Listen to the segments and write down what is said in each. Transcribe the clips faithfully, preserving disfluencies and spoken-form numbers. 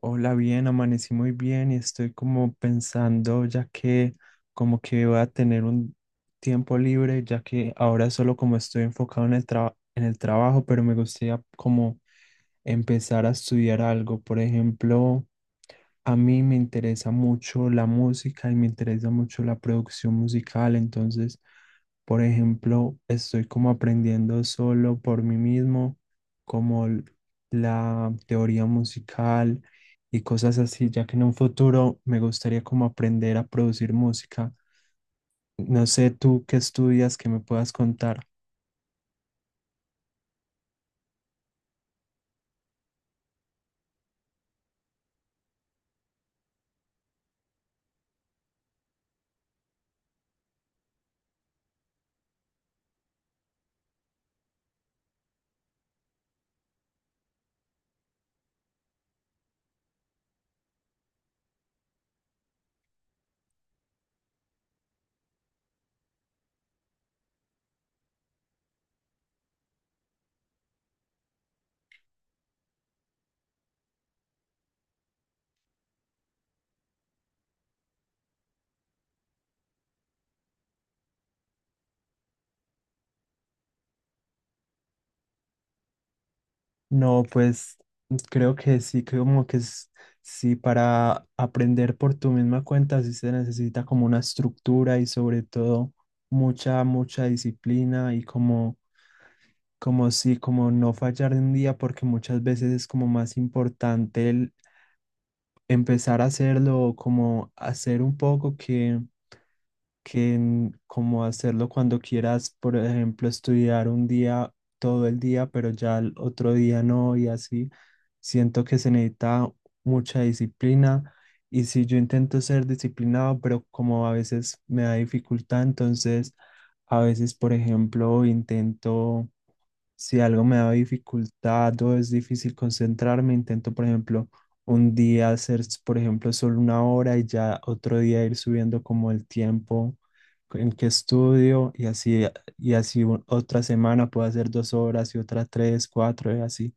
Hola, bien, amanecí muy bien y estoy como pensando ya que como que voy a tener un tiempo libre, ya que ahora solo como estoy enfocado en el tra- en el trabajo, pero me gustaría como empezar a estudiar algo. Por ejemplo, a mí me interesa mucho la música y me interesa mucho la producción musical. Entonces, por ejemplo, estoy como aprendiendo solo por mí mismo, como l- la teoría musical y cosas así, ya que en un futuro me gustaría como aprender a producir música. No sé tú qué estudias que me puedas contar. No, pues creo que sí, que como que es, sí, para aprender por tu misma cuenta sí se necesita como una estructura y sobre todo mucha, mucha disciplina y como, como sí, como no fallar un día, porque muchas veces es como más importante el empezar a hacerlo, o como hacer un poco que que mm, como hacerlo cuando quieras. Por ejemplo, estudiar un día, todo el día, pero ya el otro día no, y así. Siento que se necesita mucha disciplina, y si yo intento ser disciplinado, pero como a veces me da dificultad. Entonces a veces, por ejemplo, intento... Si algo me da dificultad o es difícil concentrarme, intento, por ejemplo, un día hacer, por ejemplo, solo una hora y ya otro día ir subiendo como el tiempo en que estudio, y así, y así u- otra semana puedo hacer dos horas y otra tres, cuatro y así.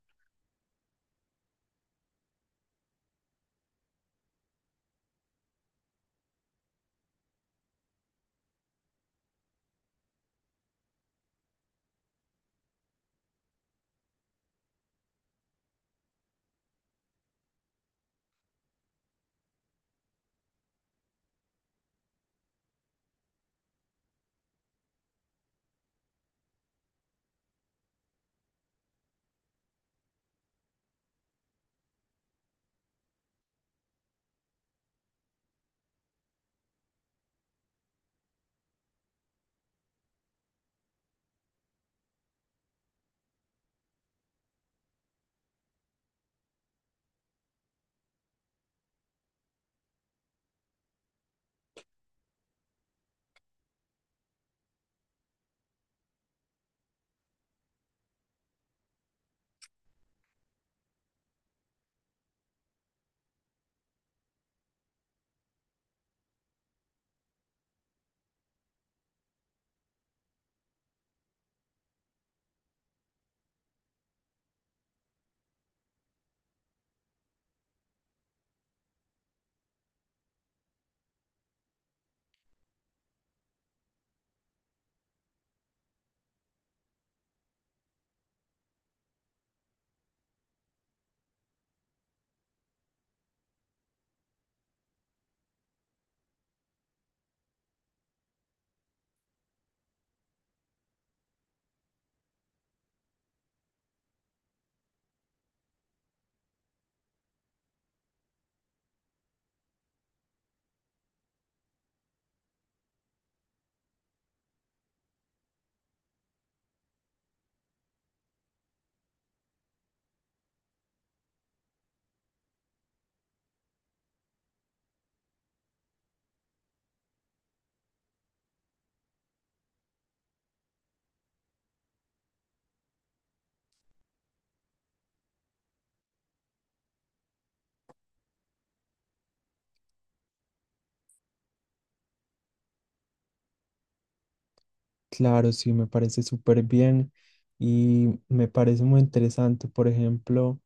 Claro, sí, me parece súper bien y me parece muy interesante. Por ejemplo,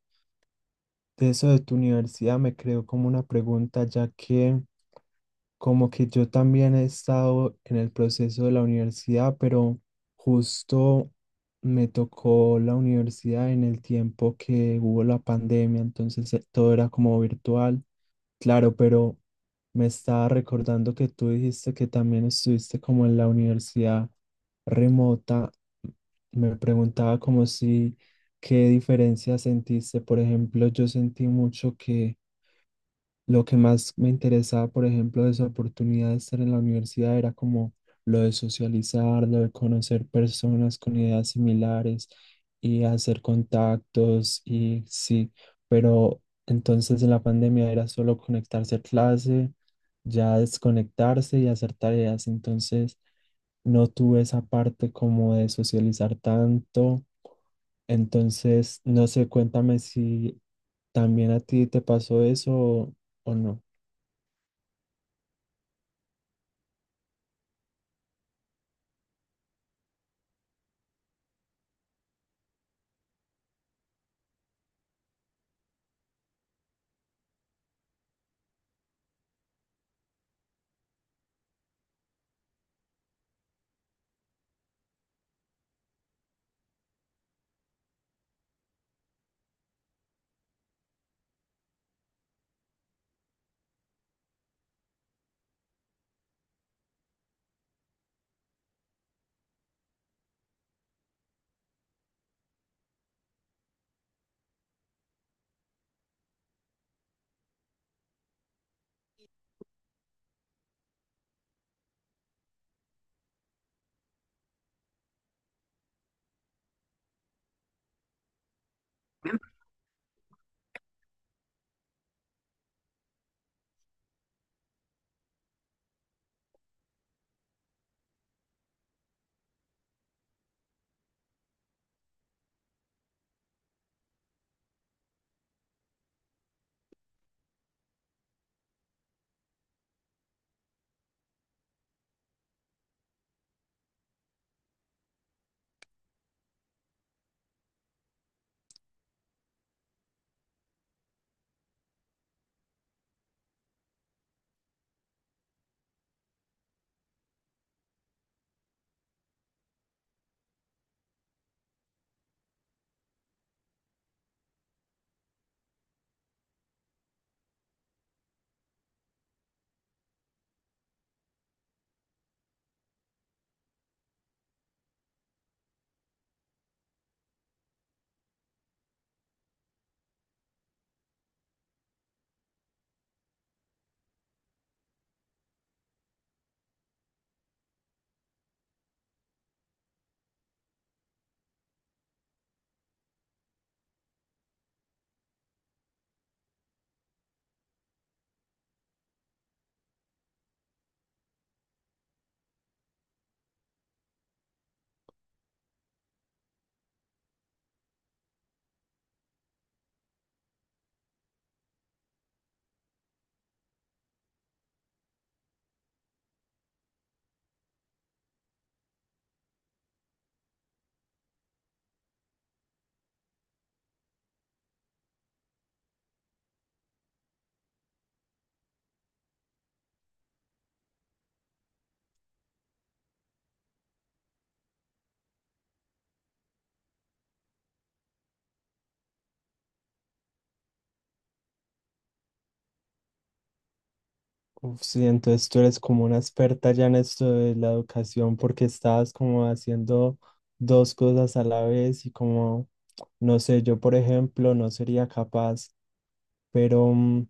de eso de tu universidad me creo como una pregunta, ya que como que yo también he estado en el proceso de la universidad, pero justo me tocó la universidad en el tiempo que hubo la pandemia. Entonces eh, todo era como virtual, claro, pero me estaba recordando que tú dijiste que también estuviste como en la universidad remota. Me preguntaba como si, ¿qué diferencia sentiste? Por ejemplo, yo sentí mucho que lo que más me interesaba, por ejemplo, de esa oportunidad de estar en la universidad era como lo de socializar, lo de conocer personas con ideas similares y hacer contactos y sí, pero entonces en la pandemia era solo conectarse a clase, ya desconectarse y hacer tareas. Entonces no tuve esa parte como de socializar tanto. Entonces, no sé, cuéntame si también a ti te pasó eso, o, o no. Uf, sí, entonces tú eres como una experta ya en esto de la educación porque estabas como haciendo dos cosas a la vez y como, no sé, yo por ejemplo no sería capaz, pero mm,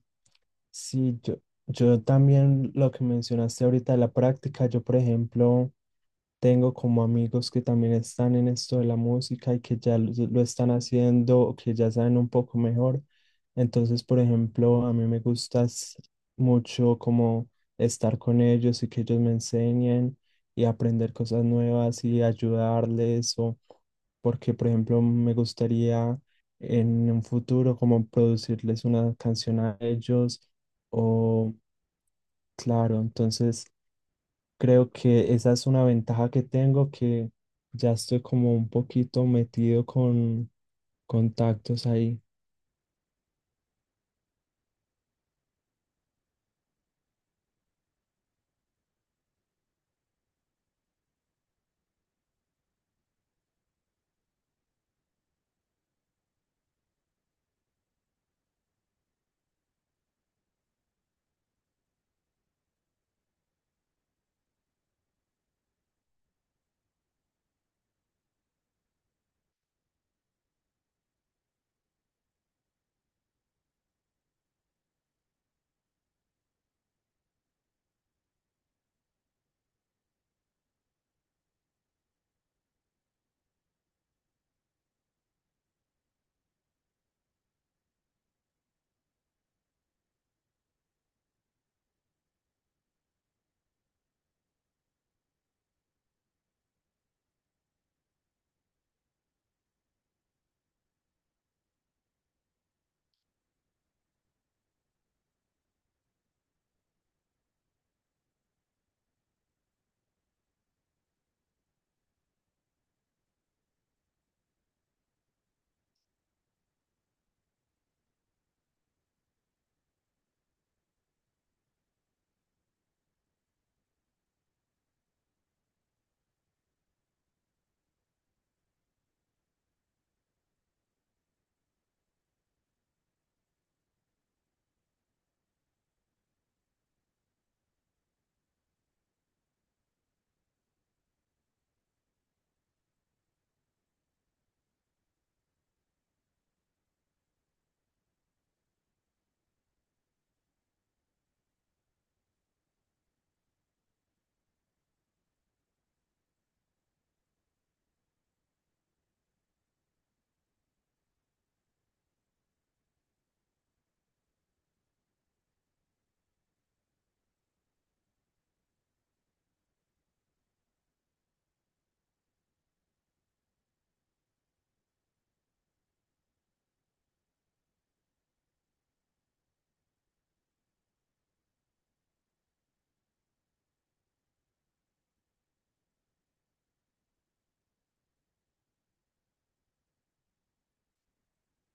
sí, yo, yo también lo que mencionaste ahorita de la práctica. Yo por ejemplo tengo como amigos que también están en esto de la música y que ya lo, lo están haciendo o que ya saben un poco mejor. Entonces, por ejemplo, a mí me gusta s- mucho como estar con ellos y que ellos me enseñen y aprender cosas nuevas y ayudarles. O porque, por ejemplo, me gustaría en un futuro como producirles una canción a ellos. Oh, claro, entonces creo que esa es una ventaja que tengo, que ya estoy como un poquito metido con contactos ahí.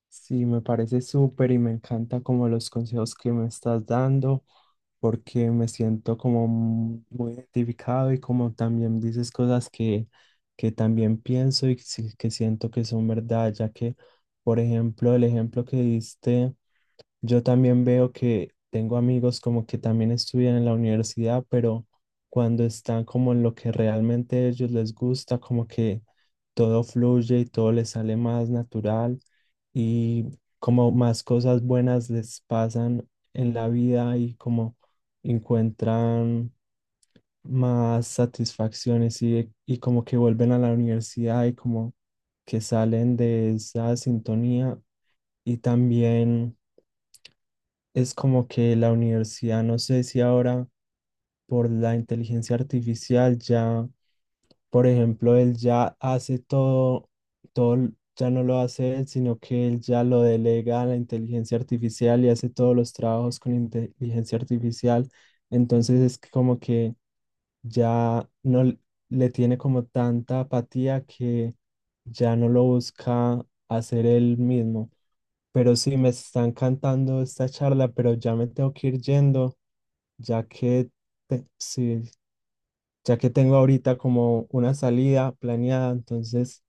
Sí, me parece súper y me encanta como los consejos que me estás dando, porque me siento como muy identificado y como también dices cosas que, que también pienso y que sí- que siento que son verdad, ya que, por ejemplo, el ejemplo que diste. Yo también veo que tengo amigos como que también estudian en la universidad, pero cuando están como en lo que realmente a ellos les gusta, como que todo fluye y todo les sale más natural, y como más cosas buenas les pasan en la vida, y como encuentran más satisfacciones, y, y como que vuelven a la universidad y como que salen de esa sintonía. Y también es como que la universidad, no sé si ahora por la inteligencia artificial ya, por ejemplo, él ya hace todo, todo, l- ya no lo hace él, sino que él ya lo delega a la inteligencia artificial y hace todos los trabajos con inteligencia artificial. Entonces es que como que ya no l- le tiene como tanta apatía que ya no lo busca hacer él mismo. Pero sí, me están cantando esta charla, pero ya me tengo que ir yendo, ya que, te- sí, ya que tengo ahorita como una salida planeada. Entonces,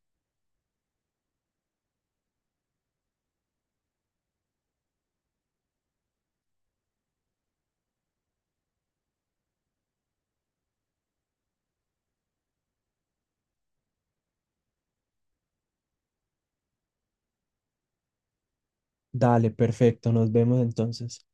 dale, perfecto, nos vemos entonces.